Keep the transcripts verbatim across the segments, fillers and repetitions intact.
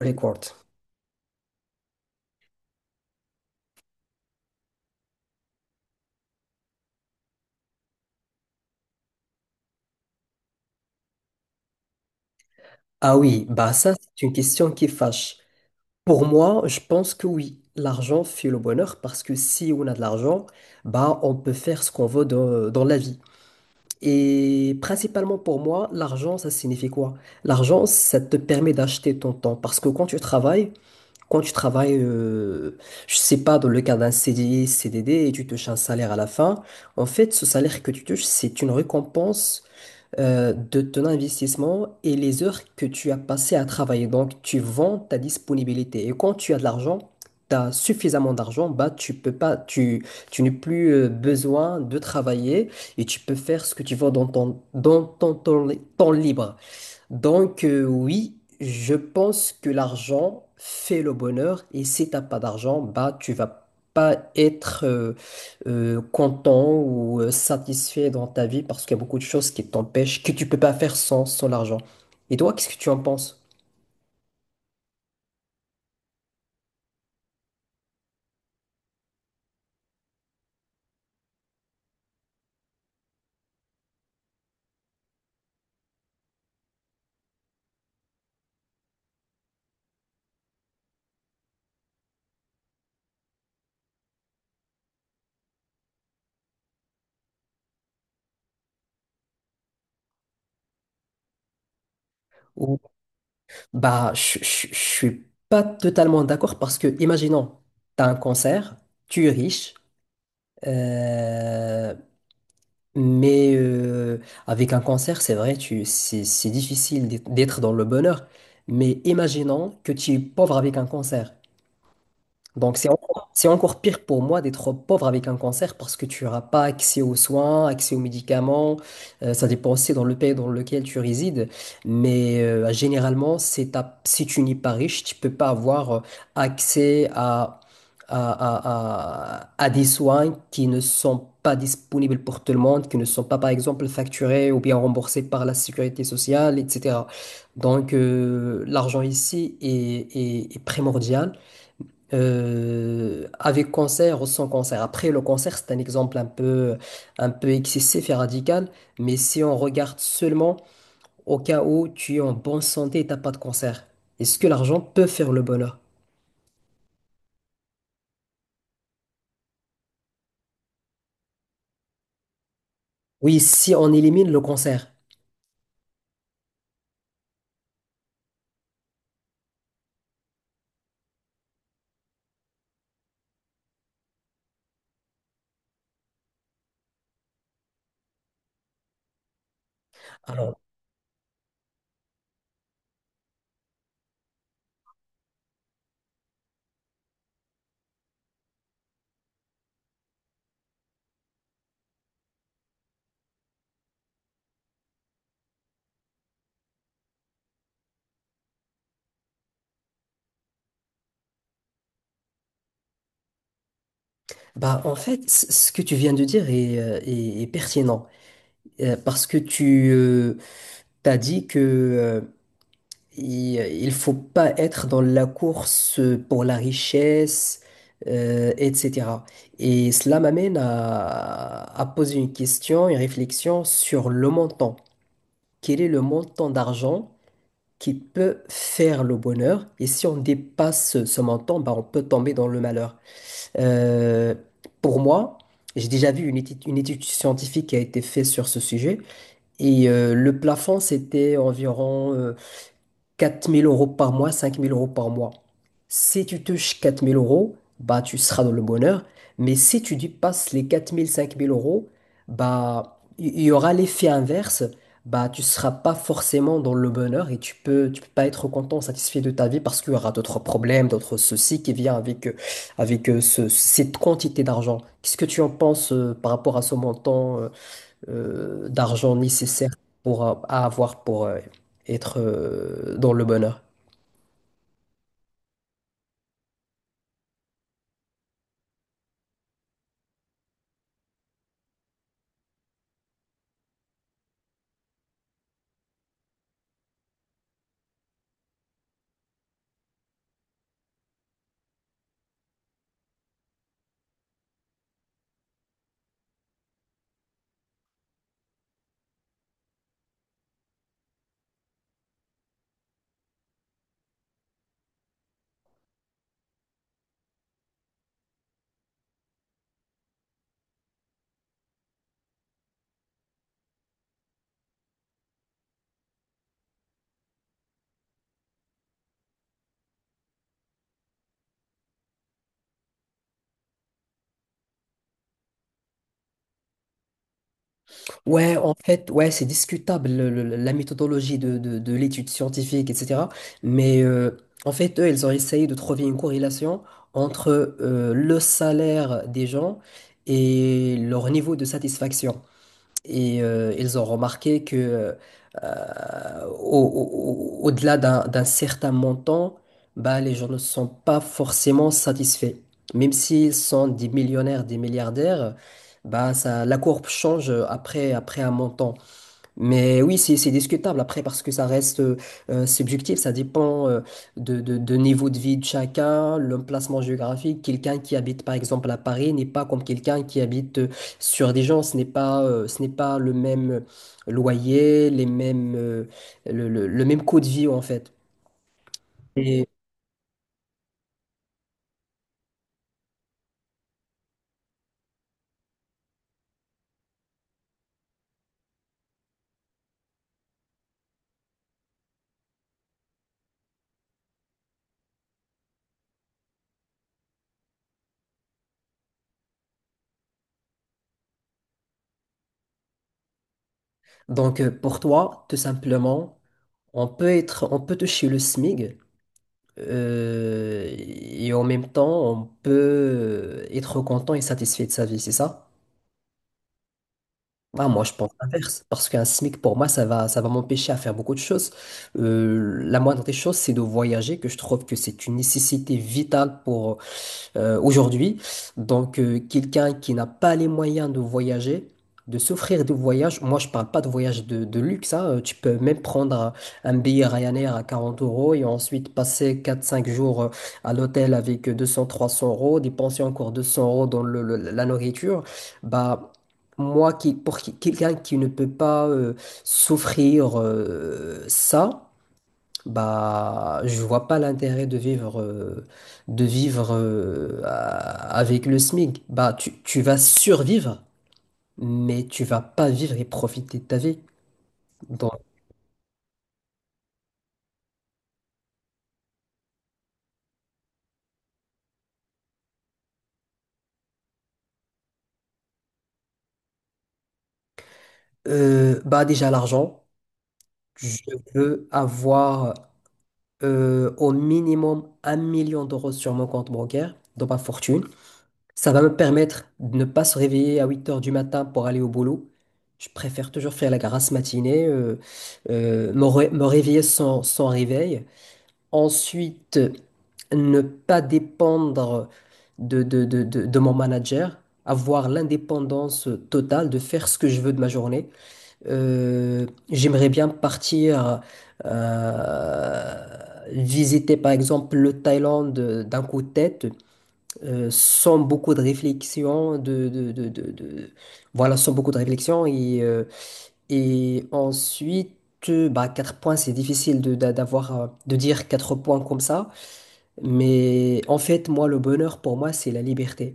Record. Ah oui, bah ça, c'est une question qui fâche. Pour moi, je pense que oui, l'argent fait le bonheur parce que si on a de l'argent, bah on peut faire ce qu'on veut dans, dans la vie. Et principalement pour moi, l'argent, ça signifie quoi? L'argent, ça te permet d'acheter ton temps parce que quand tu travailles, quand tu travailles, euh, je sais pas, dans le cadre d'un C D I, C D D, et tu touches un salaire à la fin, en fait, ce salaire que tu touches, c'est une récompense euh, de ton investissement et les heures que tu as passées à travailler. Donc, tu vends ta disponibilité. Et quand tu as de l'argent, tu as suffisamment d'argent, bah, tu peux pas, tu, tu n'as plus euh, besoin de travailler et tu peux faire ce que tu veux dans ton, dans ton temps, li- temps libre. Donc, euh, oui, je pense que l'argent fait le bonheur et si t'as pas d'argent, bah, tu vas pas être euh, euh, content ou euh, satisfait dans ta vie parce qu'il y a beaucoup de choses qui t'empêchent, que tu peux pas faire sans, sans l'argent. Et toi, qu'est-ce que tu en penses? Ou, bah, je, je, je suis pas totalement d'accord parce que, imaginons, t'as un cancer, tu es riche, euh, mais euh, avec un cancer, c'est vrai, tu, c'est, c'est difficile d'être d'être dans le bonheur. Mais imaginons que tu es pauvre avec un cancer. Donc c'est encore, c'est encore pire pour moi d'être pauvre avec un cancer parce que tu n'auras pas accès aux soins, accès aux médicaments. Euh, ça dépend aussi dans le pays dans lequel tu résides. Mais euh, généralement, c'est ta- si tu n'es pas riche, tu peux pas avoir euh, accès à, à, à, à- à des soins qui ne sont pas disponibles pour tout le monde, qui ne sont pas, par exemple, facturés ou bien remboursés par la sécurité sociale, et cetera. Donc euh, l'argent ici est, est est primordial euh, avec cancer ou sans cancer. Après, le cancer, c'est un exemple un peu, un peu excessif et radical, mais si on regarde seulement au cas où tu es en bonne santé et t'as pas de cancer, est-ce que l'argent peut faire le bonheur? Oui, si on élimine le cancer. Alors, bah, en fait, c- ce que tu viens de dire est, euh, est- est pertinent, euh, parce que tu as dit que euh, Il il faut pas être dans la course pour la richesse, euh, et cetera. Et cela m'amène à, à poser une question, une réflexion sur le montant. Quel est le montant d'argent qui peut faire le bonheur? Et si on dépasse ce montant, bah, on peut tomber dans le malheur. Euh, pour moi, j'ai déjà vu une étude, une étude scientifique qui a été faite sur ce sujet. Et euh, le plafond, c'était environ euh, quatre mille euros par mois, cinq mille euros par mois. Si tu touches quatre mille euros, bah, tu seras dans le bonheur. Mais si tu dépasses les quatre mille cinq mille euros, bah, il y aura l'effet inverse. Bah, tu seras pas forcément dans le bonheur et tu peux, tu peux pas être content, satisfait de ta vie parce qu'il y aura d'autres problèmes, d'autres soucis qui viennent avec, euh, avec euh, ce- cette quantité d'argent. Qu'est-ce que tu en penses euh, par rapport à ce montant, euh, euh, d'argent nécessaire pour euh, à avoir pour euh, être euh, dans le bonheur. Ouais, en fait, ouais, c'est discutable le- le- la méthodologie de, de- de l'étude scientifique, et cetera. Mais euh, en fait, eux, ils ont essayé de trouver une corrélation entre euh, le salaire des gens et leur niveau de satisfaction. Et euh, ils ont remarqué que euh, euh, au, au, delà d'un d'un certain montant, bah, les gens ne sont pas forcément satisfaits. Même s'ils sont des millionnaires, des milliardaires, bah, ça, la courbe change après, après un montant. Mais oui, c'est c'est discutable après parce que ça reste euh, euh, subjectif, ça dépend euh, de, de, de niveau de vie de chacun, l'emplacement géographique. Quelqu'un qui habite par exemple à Paris n'est pas comme quelqu'un qui habite euh, sur des gens, ce n'est pas, euh, ce n'est pas le même loyer, les mêmes, euh, le, le, le même coût de vie en fait. Et donc euh, pour toi, tout simplement, on peut être, on peut toucher le SMIG euh, et en même temps, on peut être content et satisfait de sa vie, c'est ça? Ah, moi, je pense l'inverse, parce qu'un SMIC, pour moi, ça va, ça va m'empêcher à faire beaucoup de choses. Euh, la moindre des choses, c'est de voyager, que je trouve que c'est une nécessité vitale pour, euh, aujourd'hui. Donc, euh, quelqu'un qui n'a pas les moyens de voyager, de s'offrir des voyages, moi je parle pas de voyage de, de luxe, hein, euh, tu peux même prendre un, un billet Ryanair à quarante euros et ensuite passer quatre cinq jours euh, à l'hôtel avec deux cents-trois cents euros, dépenser encore deux cents euros dans le- le- la nourriture. Bah, moi, qui, pour qui- quelqu'un qui ne peut pas euh, s'offrir euh, ça, bah, je vois pas l'intérêt de vivre, euh, de vivre euh, à- avec le SMIC. Bah, tu, tu vas survivre, mais tu vas pas vivre et profiter de ta vie. Donc, euh, bah déjà l'argent, je veux avoir euh, au minimum un million d'euros sur mon compte bancaire, dans ma fortune. Ça va me permettre de ne pas se réveiller à huit heures du matin pour aller au boulot. Je préfère toujours faire la grasse matinée. Euh, euh, me, ré- me réveiller sans, sans réveil. Ensuite, ne pas dépendre de, de, de, de, de mon manager, avoir l'indépendance totale de faire ce que je veux de ma journée. Euh, j'aimerais bien partir euh, visiter par exemple le Thaïlande d'un coup de tête, euh, sans beaucoup de réflexion, de, de, de, de, de- voilà, sans beaucoup de réflexion. Et, euh, et ensuite, euh, bah, quatre points, c'est difficile de, d'a- d'avoir, euh, de dire quatre points comme ça. Mais en fait, moi, le bonheur pour moi, c'est la liberté.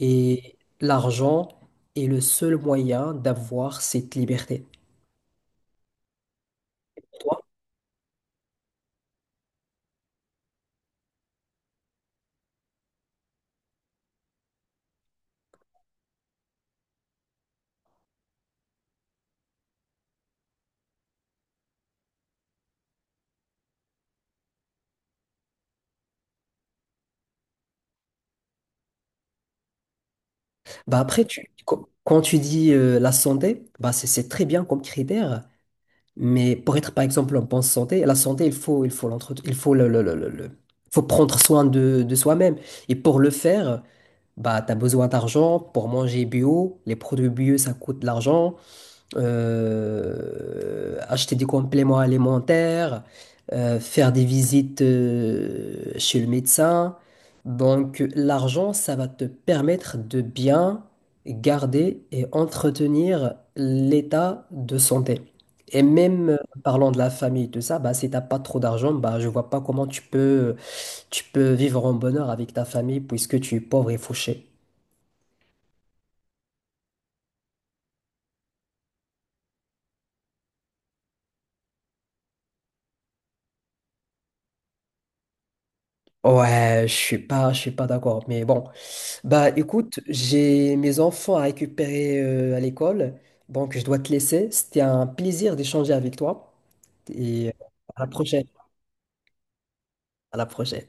Et l'argent est le seul moyen d'avoir cette liberté. Toi, bah après, tu, qu- quand tu dis euh, la santé, bah c'est c'est très bien comme critère. Mais pour être, par exemple, en bonne santé, la santé, il faut, il faut l'entretenir, il faut le, le- le- le- le- faut prendre soin de, de soi-même. Et pour le faire, bah, tu as besoin d'argent pour manger bio. Les produits bio, ça coûte de l'argent. euh, acheter des compléments alimentaires, euh, faire des visites euh, chez le médecin. Donc l'argent, ça va te permettre de bien garder et entretenir l'état de santé. Et même euh, parlant de la famille, tout ça, bah, si t'as pas trop d'argent, bah, je vois pas comment tu peux, tu peux vivre en bonheur avec ta famille puisque tu es pauvre et fauché. Ouais, je suis pas, je suis pas d'accord. Mais bon, bah écoute, j'ai mes enfants à récupérer euh, à l'école, donc je dois te laisser. C'était un plaisir d'échanger avec toi et euh, à la prochaine. À la prochaine.